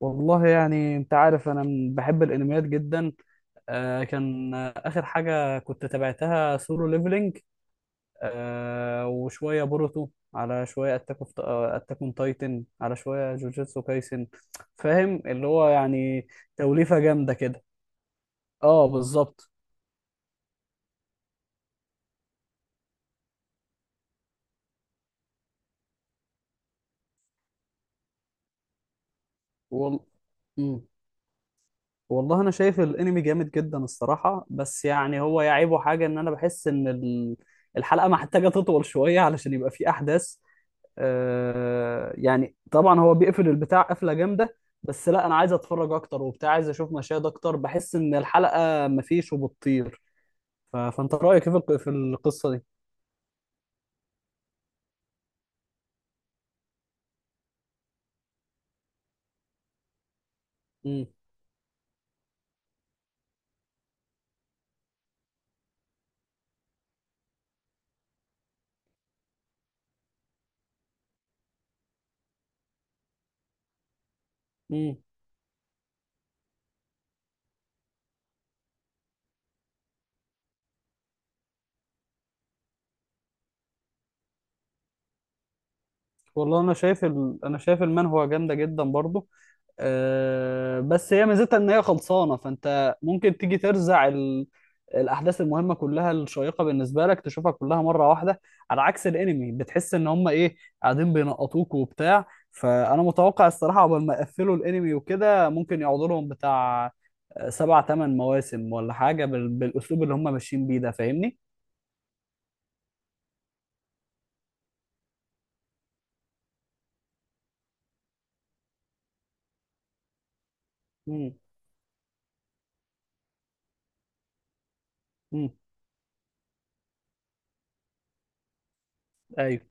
والله يعني انت عارف انا بحب الانميات جدا. آه كان آه، اخر حاجه كنت تابعتها سولو ليفلينج. وشويه بوروتو، على شويه اتاك اون تايتن، على شويه جوجوتسو كايسن. فاهم اللي هو يعني، توليفه جامده كده. اه بالظبط. وال... مم. والله انا شايف الانمي جامد جدا الصراحه، بس يعني هو يعيبه حاجه، ان انا بحس ان الحلقه محتاجه تطول شويه علشان يبقى فيه احداث. يعني طبعا هو بيقفل البتاع قفله جامده، بس لا انا عايز اتفرج اكتر وبتاع، عايز اشوف مشاهد اكتر، بحس ان الحلقه مفيش وبتطير. فانت رايك ايه في في القصه دي؟ امم امم والله انا شايف المانهوا جامده جدا برضو. بس هي ميزتها ان هي خلصانه، فانت ممكن تيجي ترزع الاحداث المهمه كلها الشيقه بالنسبه لك، تشوفها كلها مره واحده، على عكس الانمي. بتحس ان هم ايه، قاعدين بينقطوك وبتاع. فانا متوقع الصراحه قبل ما يقفلوا الانمي وكده ممكن يقعدوا لهم بتاع 7 8 مواسم ولا حاجه بالاسلوب اللي هم ماشيين بيه ده، فاهمني؟ امم امم ايوه.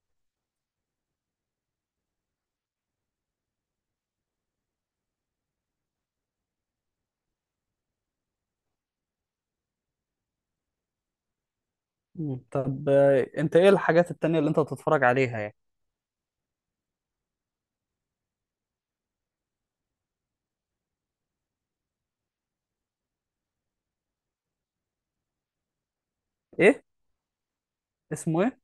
طب انت ايه الحاجات التانية اللي انت بتتفرج عليها يعني؟ ايه اسمه ايه؟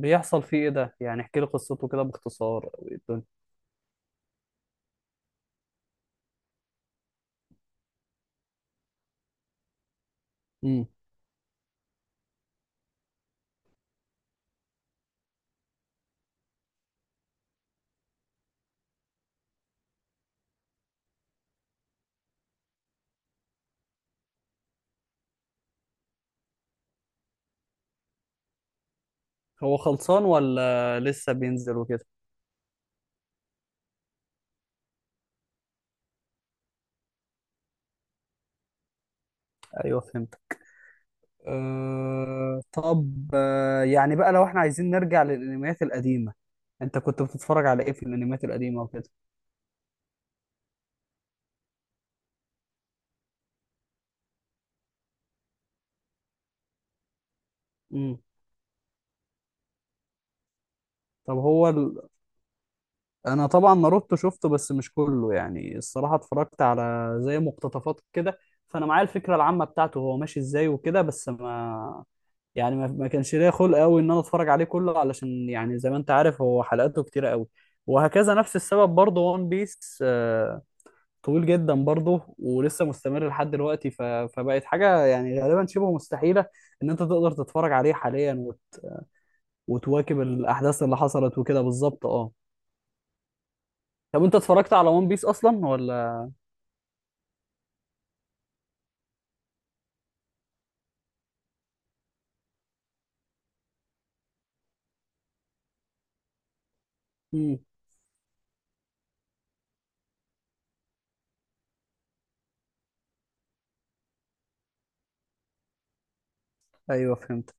بيحصل فيه ايه ده يعني؟ احكي لي قصته كده باختصار، او ايه الدنيا؟ امم هو خلصان ولا لسه بينزل وكده؟ ايوه فهمت. طب يعني بقى لو احنا عايزين نرجع للانميات القديمه، انت كنت بتتفرج على ايه في الانميات القديمه وكده؟ امم طب هو ال... انا طبعا ناروتو شفته، بس مش كله يعني الصراحه، اتفرجت على زي مقتطفات كده، فانا معايا الفكره العامه بتاعته هو ماشي ازاي وكده، بس ما يعني ما كانش ليا خلق قوي ان انا اتفرج عليه كله، علشان يعني زي ما انت عارف هو حلقاته كتيره قوي. وهكذا نفس السبب برضه. وان بيس طويل جدا برضه ولسه مستمر لحد دلوقتي، فبقت حاجه يعني غالبا شبه مستحيله ان انت تقدر تتفرج عليه حاليا وتواكب الاحداث اللي حصلت وكده بالظبط، اه. طب انت اتفرجت على وان بيس اصلا ولا؟ امم ايوه فهمت.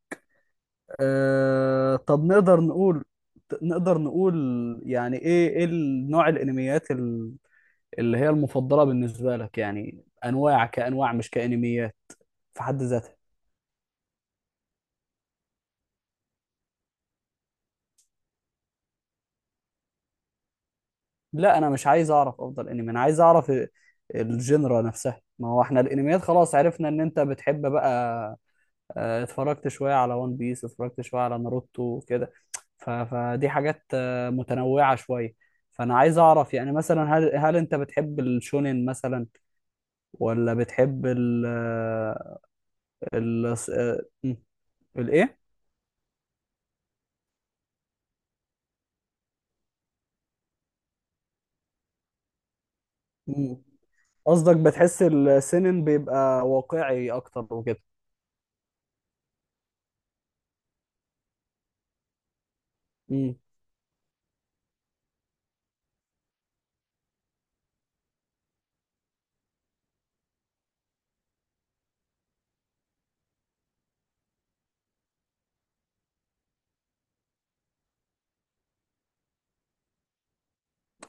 طب نقدر نقول، نقدر نقول، يعني ايه نوع الانميات اللي هي المفضلة بالنسبة لك يعني؟ أنواع، كأنواع، مش كأنميات في حد ذاتها. لا أنا مش عايز أعرف أفضل أنمي، أنا عايز أعرف الجنرا نفسها. ما هو احنا الأنميات خلاص عرفنا إن أنت بتحب بقى. اتفرجت شوية على ون بيس، اتفرجت شوية على ناروتو كده، فدي حاجات متنوعة شوية. فأنا عايز أعرف يعني مثلا، هل أنت بتحب الشونين مثلا، ولا بتحب ال آه، ال الإيه؟ قصدك بتحس السنن بيبقى واقعي اكتر وكده. امم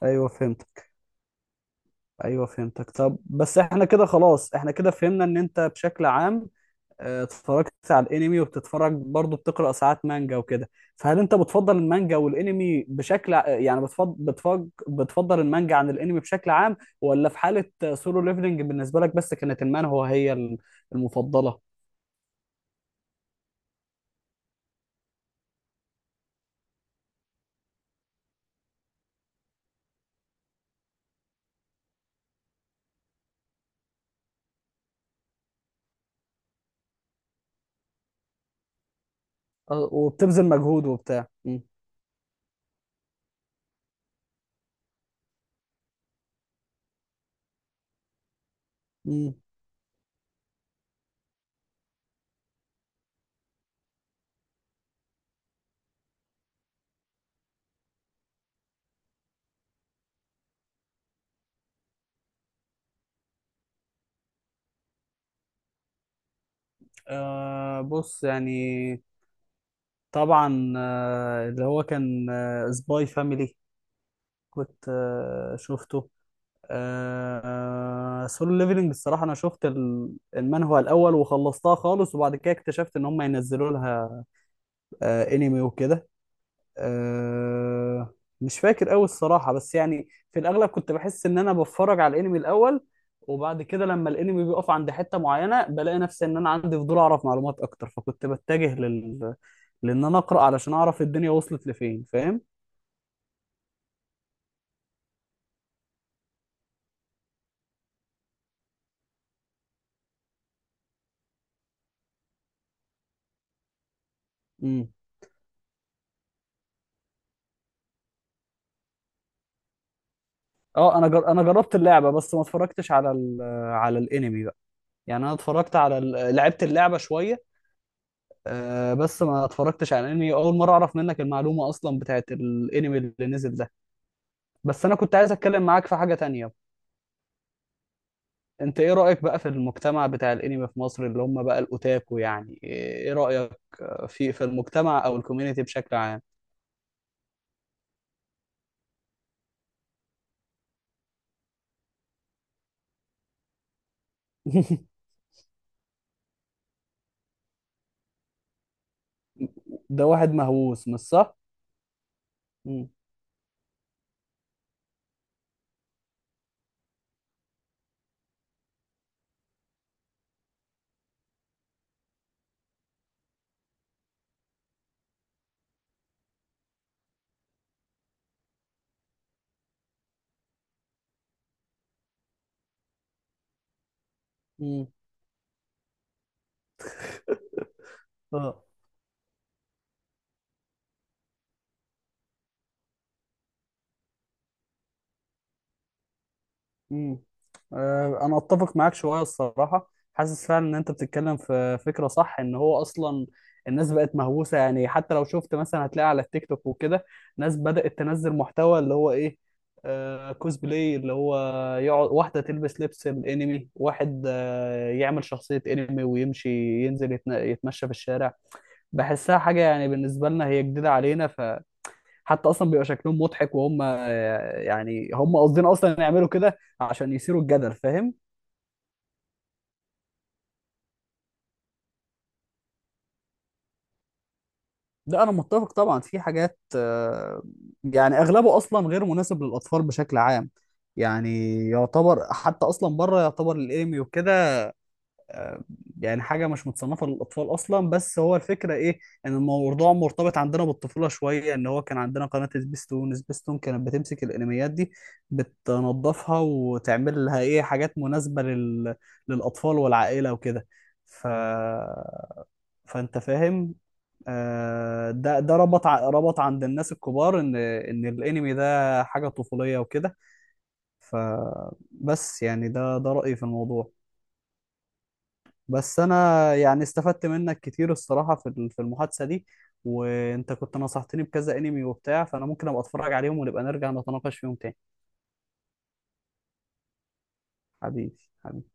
ايوه فهمتك. ايوه فهمتك. طب بس احنا كده خلاص، احنا كده فهمنا ان انت بشكل عام اتفرجت على الانمي وبتتفرج برضه، بتقرا ساعات مانجا وكده. فهل انت بتفضل المانجا والانمي يعني بتفضل المانجا عن الانمي بشكل عام، ولا في حالة سولو ليفلنج بالنسبة لك بس كانت هو هي المفضلة؟ وبتبذل مجهود وبتاع. امم بص يعني، طبعا اللي هو كان سباي فاميلي، كنت شفته. سولو ليفلنج الصراحة أنا شفت المانهوا الأول وخلصتها خالص، وبعد كده اكتشفت إن هم ينزلوا لها أنمي وكده. آه، مش فاكر قوي الصراحة، بس يعني في الأغلب كنت بحس إن أنا بتفرج على الأنمي الأول، وبعد كده لما الأنمي بيقف عند حتة معينة بلاقي نفسي إن أنا عندي فضول أعرف معلومات أكتر، فكنت بتجه لإن أنا أقرأ علشان أعرف الدنيا وصلت لفين، فاهم؟ امم اه. انا جربت اللعبه بس ما اتفرجتش على على الانمي بقى. يعني انا لعبت اللعبه شويه. بس ما اتفرجتش على الانمي، اول مره اعرف منك المعلومه اصلا بتاعت الانمي اللي نزل ده. بس انا كنت عايز اتكلم معاك في حاجة تانية. انت ايه رأيك بقى في المجتمع بتاع الانمي في مصر، اللي هم بقى الاوتاكو؟ يعني ايه رأيك في المجتمع او الكوميونتي بشكل عام؟ ده واحد مهووس مش صح؟ مم. مم. اه. مم. انا اتفق معاك شويه الصراحه، حاسس فعلا ان انت بتتكلم في فكره صح، ان هو اصلا الناس بقت مهووسه. يعني حتى لو شفت مثلا هتلاقي على التيك توك وكده ناس بدات تنزل محتوى اللي هو ايه، كوسبلاي، اللي هو يقعد واحده تلبس لبس الانمي، واحد يعمل شخصيه انمي ويمشي ينزل يتمشى في الشارع. بحسها حاجه يعني بالنسبه لنا هي جديده علينا، حتى اصلا بيبقى شكلهم مضحك وهم يعني، هم قاصدين اصلا يعملوا كده عشان يثيروا الجدل، فاهم؟ لا انا متفق طبعا، في حاجات يعني اغلبه اصلا غير مناسب للاطفال بشكل عام. يعني يعتبر حتى اصلا بره يعتبر الانمي وكده يعني حاجة مش متصنفة للأطفال أصلا. بس هو الفكرة إيه، إن الموضوع مرتبط عندنا بالطفولة شوية، إن هو كان عندنا قناة سبيستون. سبيستون كانت بتمسك الأنميات دي بتنظفها وتعمل لها إيه حاجات مناسبة للأطفال والعائلة وكده. ف... فأنت فاهم. ده ربط عند الناس الكبار ان الانمي ده حاجه طفوليه وكده. فبس يعني ده رايي في الموضوع. بس انا يعني استفدت منك كتير الصراحه في في المحادثه دي، وانت كنت نصحتني بكذا انمي وبتاع، فانا ممكن ابقى اتفرج عليهم ونبقى نرجع نتناقش فيهم تاني. حبيبي، حبيبي.